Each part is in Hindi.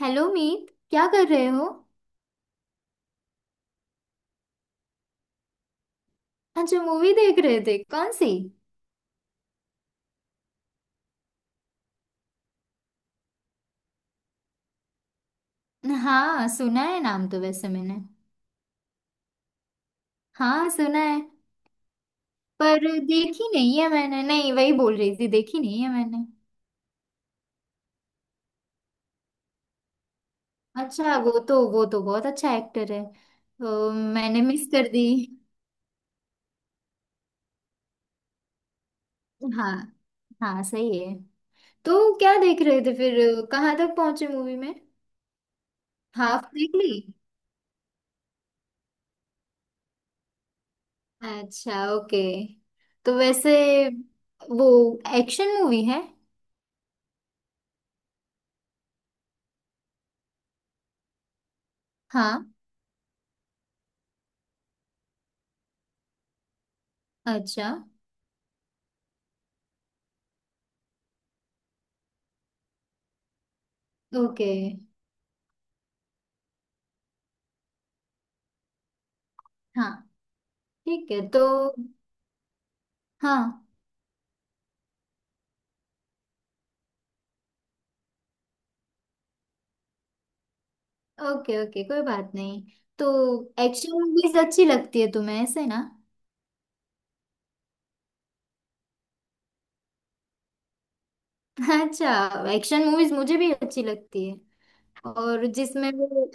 हेलो मीत, क्या कर रहे हो? अच्छा, मूवी देख रहे थे? कौन सी? हाँ, सुना है नाम तो वैसे मैंने। हाँ, सुना है। पर देखी नहीं है मैंने, नहीं वही बोल रही थी, देखी नहीं है मैंने। अच्छा, वो तो बहुत अच्छा एक्टर है, तो मैंने मिस कर दी। हाँ। हाँ, सही है। तो क्या देख रहे थे फिर? कहाँ तक पहुंचे मूवी में? हाफ देख ली? अच्छा, ओके। तो वैसे वो एक्शन मूवी है? हाँ। अच्छा, ओके। हाँ, ठीक है तो। हाँ। ओके ओके, कोई बात नहीं। तो एक्शन मूवीज अच्छी लगती है तुम्हें ऐसे ना? अच्छा। एक्शन मूवीज मुझे भी अच्छी लगती है। और जिसमें वो,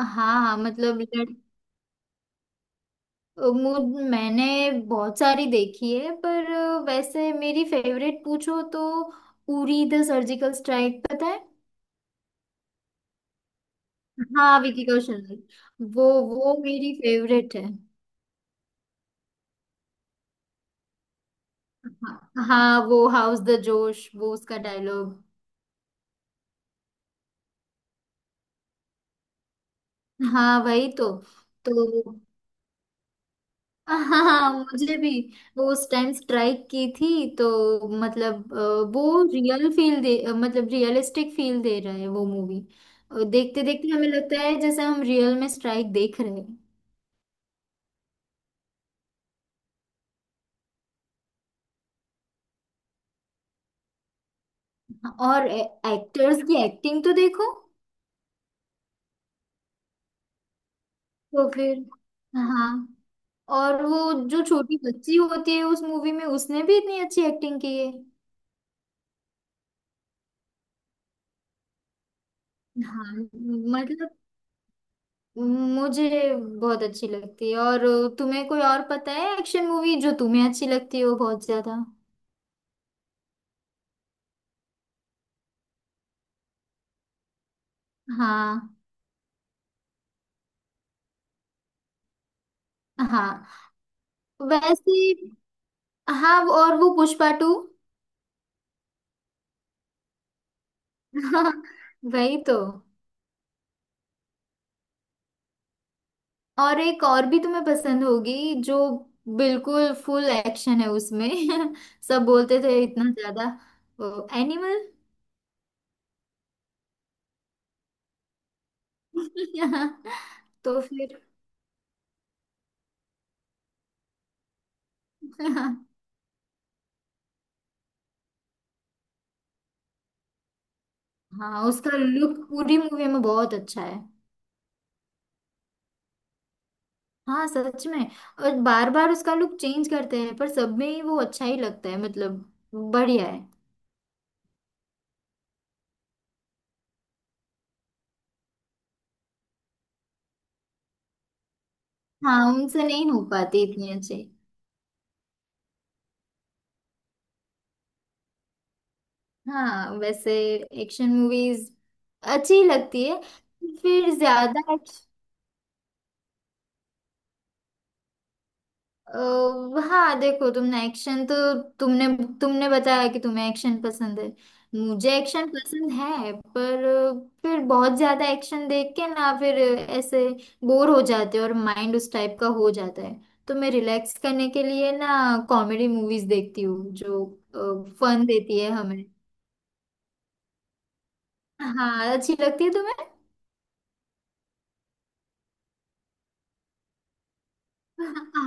हाँ। हाँ मतलब मैंने बहुत सारी देखी है, पर वैसे मेरी फेवरेट पूछो तो उरी द सर्जिकल स्ट्राइक, पता है? हाँ, विकी कौशल। वो मेरी फेवरेट है। हाँ हाँ, वो हाउस द जोश वो उसका डायलॉग। हाँ वही तो। तो हाँ, हाँ मुझे भी। वो उस टाइम स्ट्राइक की थी तो मतलब वो रियल फील दे, मतलब रियलिस्टिक फील दे रहा है वो मूवी। देखते देखते हमें लगता है जैसे हम रियल में स्ट्राइक देख रहे हैं। और एक्टर्स की एक्टिंग तो देखो। तो फिर हाँ। और वो जो छोटी बच्ची होती है उस मूवी में, उसने भी इतनी अच्छी एक्टिंग की है। हाँ, मतलब मुझे बहुत अच्छी लगती है। और तुम्हें कोई और पता है एक्शन मूवी जो तुम्हें अच्छी लगती हो बहुत ज्यादा? हाँ। हाँ वैसे। हाँ, और वो पुष्पा टू। हाँ, वही तो। और एक और भी तुम्हें पसंद होगी जो बिल्कुल फुल एक्शन है उसमें। सब बोलते थे इतना ज्यादा। एनिमल। तो फिर। हाँ, उसका लुक पूरी मूवी में बहुत अच्छा है। हाँ सच में। और बार बार उसका लुक चेंज करते हैं पर सब में ही वो अच्छा ही लगता है मतलब। बढ़िया है। हाँ उनसे नहीं हो पाती इतनी अच्छी। हाँ वैसे एक्शन मूवीज अच्छी लगती है। फिर ज्यादा अ, हाँ देखो, तुमने एक्शन तो, तुमने तुमने बताया कि तुम्हें एक्शन पसंद है। मुझे एक्शन पसंद है, पर फिर बहुत ज्यादा एक्शन देख के ना फिर ऐसे बोर हो जाते हो और माइंड उस टाइप का हो जाता है। तो मैं रिलैक्स करने के लिए ना कॉमेडी मूवीज देखती हूँ जो फन देती है हमें। हाँ, अच्छी लगती है तुम्हें?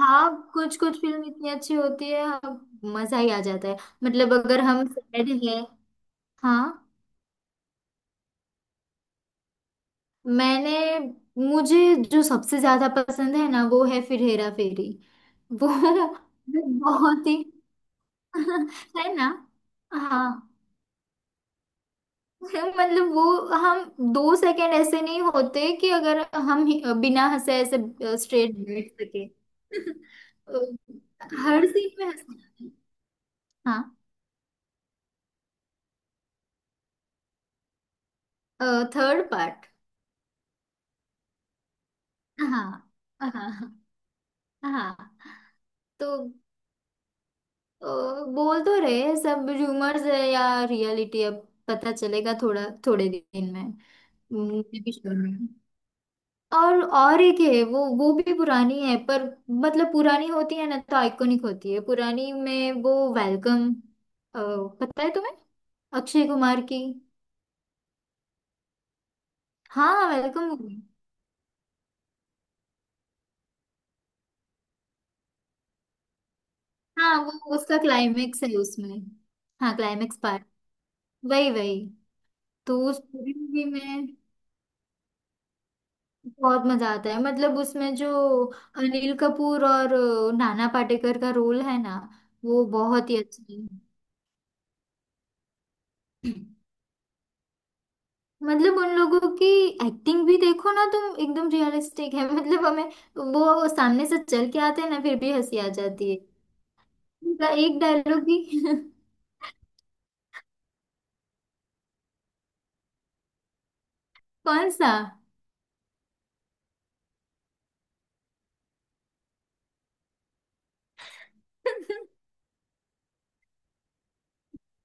हाँ, कुछ कुछ फिल्म इतनी अच्छी होती है, हाँ, मजा ही आ जाता है। मतलब अगर हम सैड हैं, हाँ। मैंने मुझे जो सबसे ज्यादा पसंद है ना, वो है फिर हेरा फेरी। वो वो बहुत ही है ना। हाँ। मतलब वो, हम दो सेकंड ऐसे नहीं होते कि अगर बिना हंसे ऐसे स्ट्रेट बैठ सके। हर सीन में हंसना। हाँ, थर्ड पार्ट। हाँ। हाँ। हाँ तो अ, बोल तो रहे हैं सब, रूमर्स है या रियलिटी, अब पता चलेगा थोड़ा थोड़े दिन में। मुझे भी श्योर नहीं है। और एक है वो भी पुरानी है पर मतलब पुरानी होती है ना तो आइकॉनिक होती है, पुरानी में वो वेलकम, पता है तुम्हें? अक्षय कुमार की। हाँ, वेलकम मूवी। हाँ, वो उसका क्लाइमेक्स है उसमें। हाँ क्लाइमेक्स पार्ट, वही वही। तो उस पूरी मूवी में बहुत मजा आता है, मतलब उसमें जो अनिल कपूर और नाना पाटेकर का रोल है ना, वो बहुत ही अच्छी है। मतलब उन लोगों की एक्टिंग भी देखो ना तुम, एकदम रियलिस्टिक है। मतलब हमें वो सामने से चल के आते हैं ना फिर भी हंसी आ जाती है। उनका एक डायलॉग भी। कौन सा?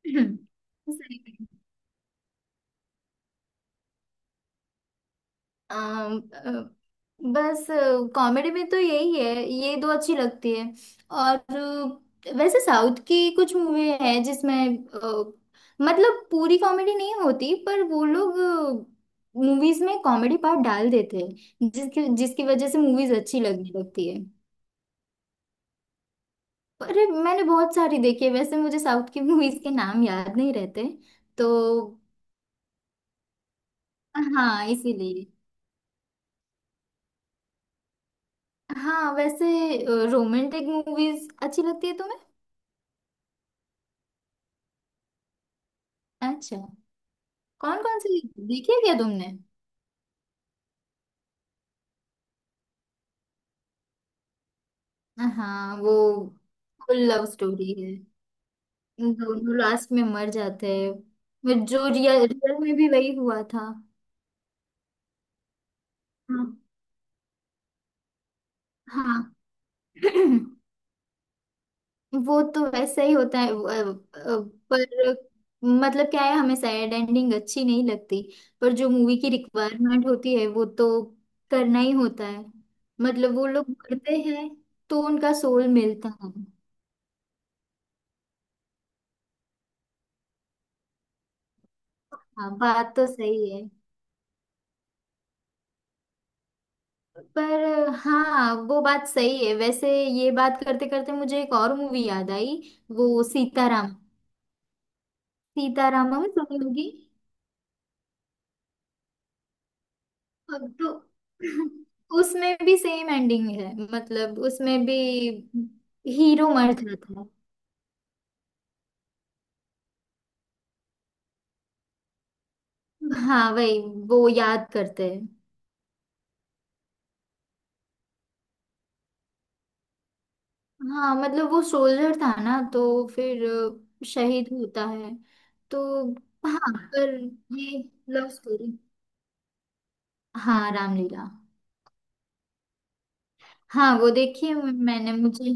सही। अम, अ, बस कॉमेडी में तो यही है, ये दो अच्छी लगती है। और वैसे साउथ की कुछ मूवी है जिसमें मतलब पूरी कॉमेडी नहीं होती पर वो लोग मूवीज में कॉमेडी पार्ट डाल देते हैं, जिसकी जिसकी वजह से मूवीज अच्छी लगने लगती है। अरे मैंने बहुत सारी देखी है, वैसे मुझे साउथ की मूवीज के नाम याद नहीं रहते तो। हाँ, इसीलिए। हाँ वैसे, रोमांटिक मूवीज अच्छी लगती है तुम्हें? अच्छा, कौन कौन सी देखी है क्या तुमने? हाँ, वो फुल लव स्टोरी है। दोनों लास्ट में मर जाते हैं। फिर जो रियल रियल में भी वही हुआ था। हाँ। हाँ। वो तो वैसा ही होता है पर मतलब क्या है, हमें सैड एंडिंग अच्छी नहीं लगती पर जो मूवी की रिक्वायरमेंट होती है वो तो करना ही होता है। मतलब वो लोग मरते हैं तो उनका सोल मिलता है। हाँ, बात तो सही है। पर हाँ, वो बात सही है। वैसे ये बात करते करते मुझे एक और मूवी याद आई। वो सीताराम। सीताराम में सुनी होगी। अब तो उसमें भी सेम एंडिंग है, मतलब उसमें भी हीरो मर जाता है। हाँ वही, वो याद करते हैं। हाँ मतलब वो सोल्जर था ना तो फिर शहीद होता है तो। हाँ पर ये लव स्टोरी। हाँ, रामलीला। हाँ वो देखिए, मैंने मुझे,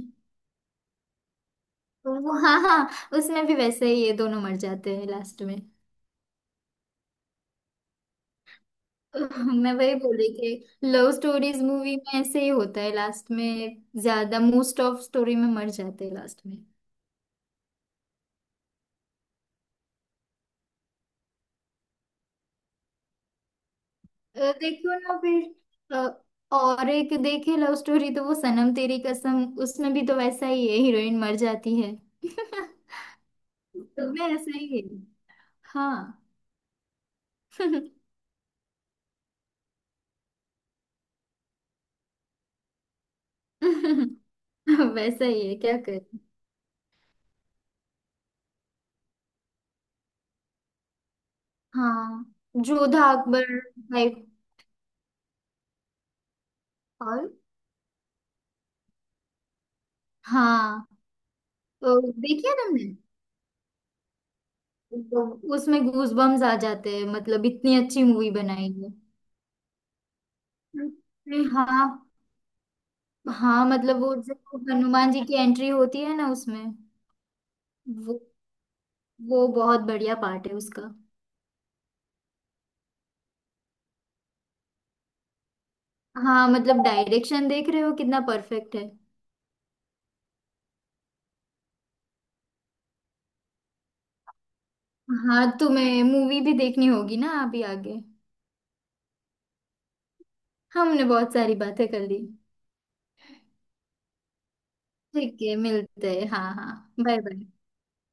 तो वो हाँ हाँ उसमें भी वैसे ही ये दोनों मर जाते हैं लास्ट में। मैं वही बोल रही थी, लव स्टोरीज मूवी में ऐसे ही होता है, लास्ट में ज्यादा मोस्ट ऑफ स्टोरी में मर जाते हैं लास्ट में। देखो ना फिर और एक देखे लव स्टोरी तो वो सनम तेरी कसम, उसमें भी तो वैसा ही है, हीरोइन मर जाती है। तो मैं ऐसा ही है। हाँ। वैसा ही है, क्या करें। हाँ, जोधा अकबर टाइप। और हाँ, तो देखिए तुमने। वो- उसमें गूजबम्स आ जाते हैं, मतलब इतनी अच्छी मूवी बनाई है। अरे हाँ। हाँ मतलब वो जो हनुमान जी की एंट्री होती है ना उसमें, वो वो बहुत बढ़िया पार्ट है उसका। हाँ मतलब डायरेक्शन देख रहे हो कितना परफेक्ट है। हाँ, तुम्हें मूवी भी देखनी होगी ना अभी आगे। हमने बहुत सारी बातें कर ली। ठीक है, मिलते हैं। हाँ हाँ, बाय बाय।